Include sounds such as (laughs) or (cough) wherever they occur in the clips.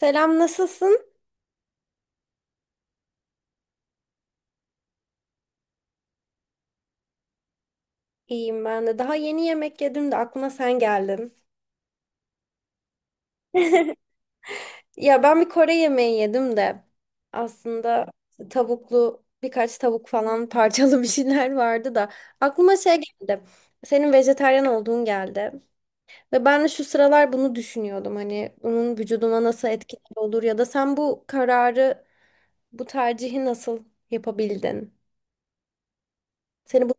Selam, nasılsın? İyiyim ben de. Daha yeni yemek yedim de aklıma sen geldin. (laughs) Ya ben bir Kore yemeği yedim de aslında tavuklu birkaç tavuk falan, (laughs) parçalı bir şeyler vardı da aklıma şey geldi. Senin vejetaryen olduğun geldi. Ve ben de şu sıralar bunu düşünüyordum. Hani bunun vücuduma nasıl etkileri olur ya da sen bu kararı, bu tercihi nasıl yapabildin? Seni bu...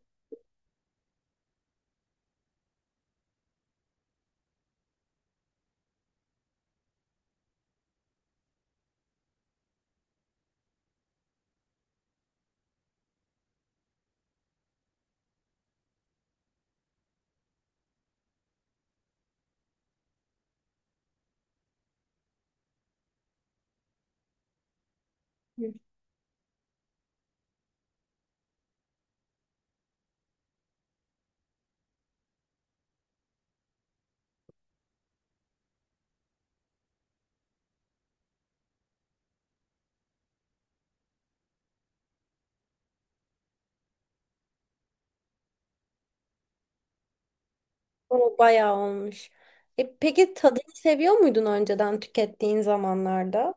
Hı. O bayağı olmuş. E, peki tadını seviyor muydun önceden tükettiğin zamanlarda?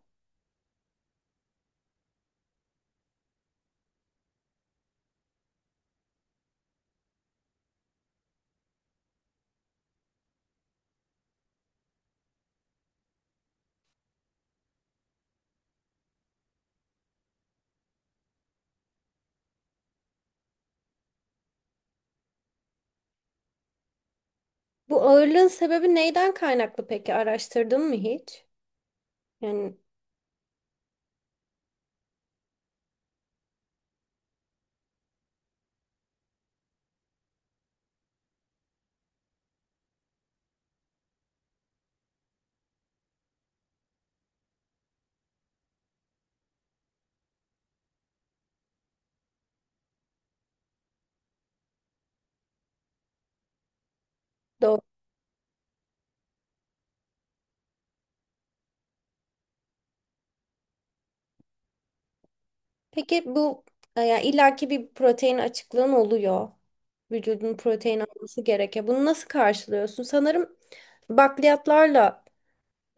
Bu ağırlığın sebebi neyden kaynaklı peki? Araştırdın mı hiç? Yani doğru. Peki bu e, yani illaki bir protein açıklığın oluyor. Vücudun protein alması gerekiyor. Bunu nasıl karşılıyorsun? Sanırım bakliyatlarla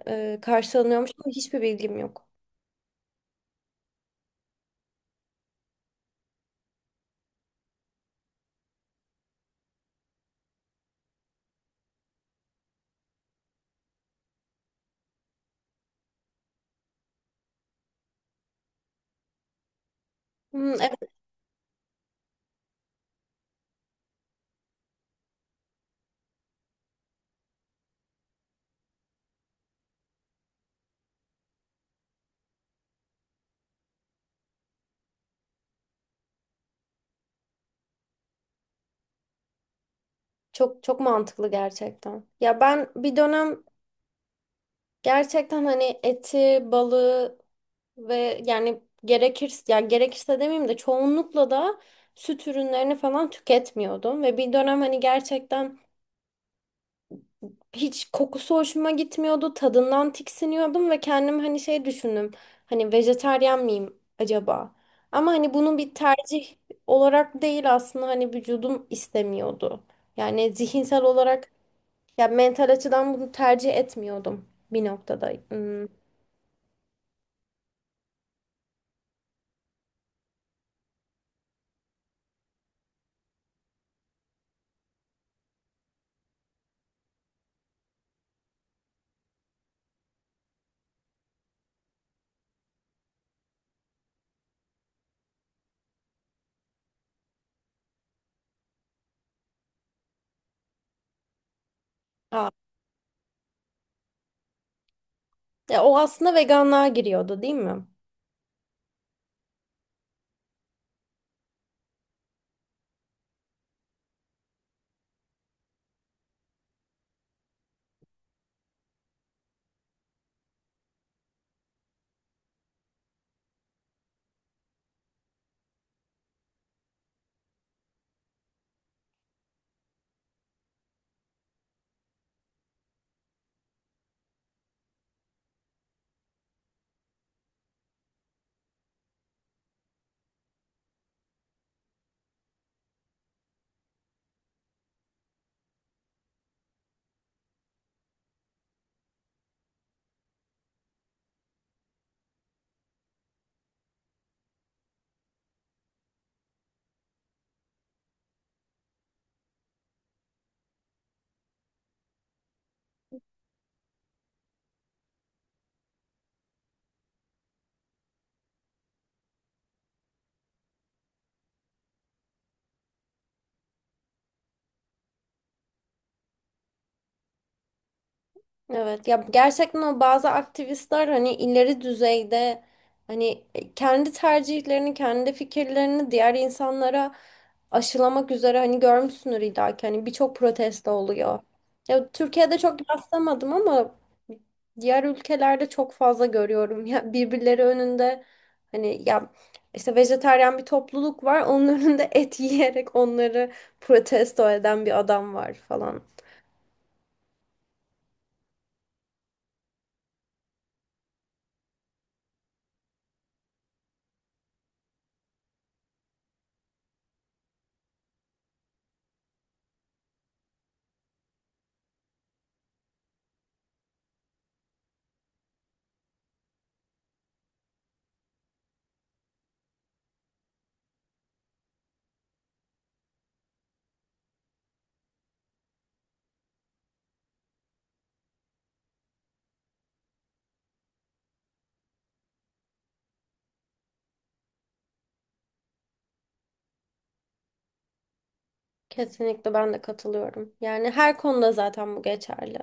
e, karşılanıyormuş ama hiçbir bilgim yok. Hmm, evet. Çok çok mantıklı gerçekten. Ya ben bir dönem gerçekten hani eti, balığı ve yani gerekirse, yani gerekirse demeyeyim de çoğunlukla da süt ürünlerini falan tüketmiyordum ve bir dönem hani gerçekten hiç kokusu hoşuma gitmiyordu, tadından tiksiniyordum ve kendim hani şey düşündüm. Hani vejetaryen miyim acaba? Ama hani bunu bir tercih olarak değil, aslında hani vücudum istemiyordu. Yani zihinsel olarak... Ya mental açıdan bunu tercih etmiyordum bir noktada. Hmm. Aa. Ya o aslında veganlığa giriyordu, değil mi? Evet ya, gerçekten o bazı aktivistler hani ileri düzeyde hani e, kendi tercihlerini, kendi fikirlerini diğer insanlara aşılamak üzere, hani görmüşsündür illaki, hani birçok protesto oluyor. Ya Türkiye'de çok rastlamadım ama diğer ülkelerde çok fazla görüyorum ya, birbirleri önünde hani ya, işte vejetaryen bir topluluk var, onun (laughs) önünde et yiyerek onları protesto eden bir adam var falan. Kesinlikle ben de katılıyorum. Yani her konuda zaten bu geçerli.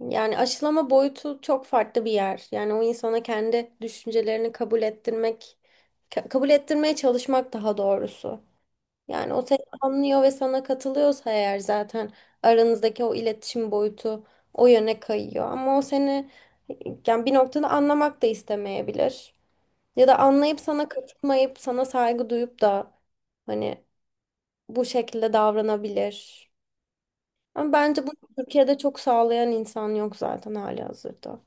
Yani aşılama boyutu çok farklı bir yer. Yani o insana kendi düşüncelerini kabul ettirmek, kabul ettirmeye çalışmak daha doğrusu. Yani o seni anlıyor ve sana katılıyorsa eğer, zaten aranızdaki o iletişim boyutu o yöne kayıyor. Ama o seni yani bir noktada anlamak da istemeyebilir. Ya da anlayıp sana katılmayıp sana saygı duyup da hani bu şekilde davranabilir. Ama bence bunu Türkiye'de çok sağlayan insan yok zaten halihazırda.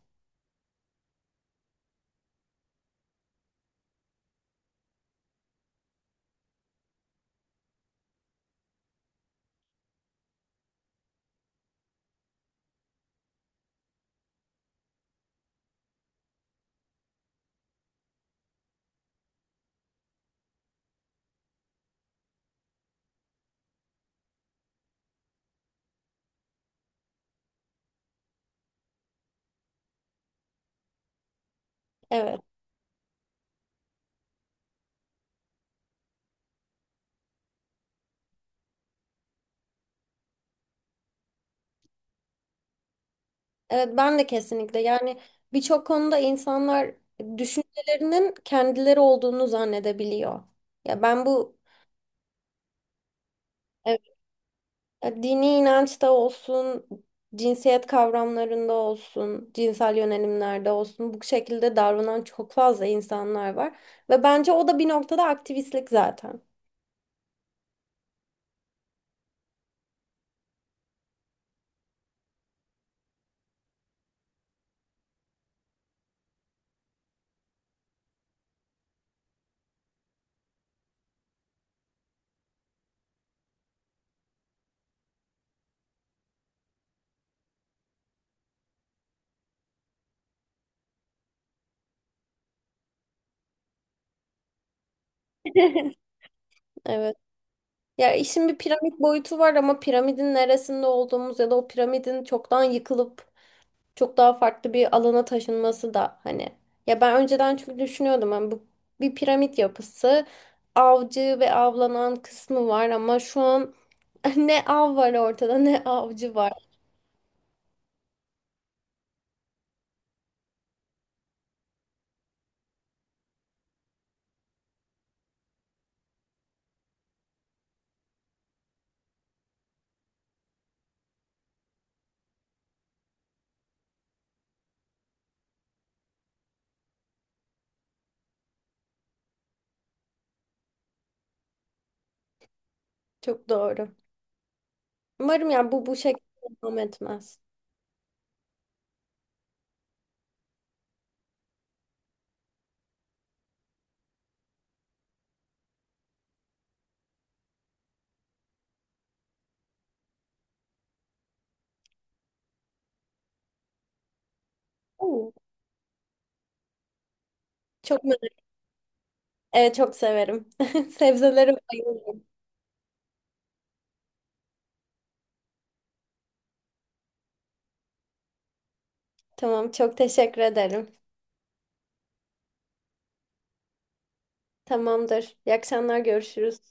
Evet. Evet ben de kesinlikle, yani birçok konuda insanlar düşüncelerinin kendileri olduğunu zannedebiliyor. Ya ben bu, evet, dini inançta olsun, cinsiyet kavramlarında olsun, cinsel yönelimlerde olsun bu şekilde davranan çok fazla insanlar var ve bence o da bir noktada aktivistlik zaten. (laughs) Evet. Ya işin bir piramit boyutu var ama piramidin neresinde olduğumuz ya da o piramidin çoktan yıkılıp çok daha farklı bir alana taşınması da hani. Ya ben önceden çünkü düşünüyordum hani bu bir piramit yapısı, avcı ve avlanan kısmı var ama şu an (laughs) ne av var ortada ne avcı var. Çok doğru. Umarım yani bu bu şekilde devam etmez. Oo. Çok merak-... Evet çok severim. (laughs) Sebzelere bayılırım. Tamam çok teşekkür ederim. Tamamdır. İyi akşamlar, görüşürüz.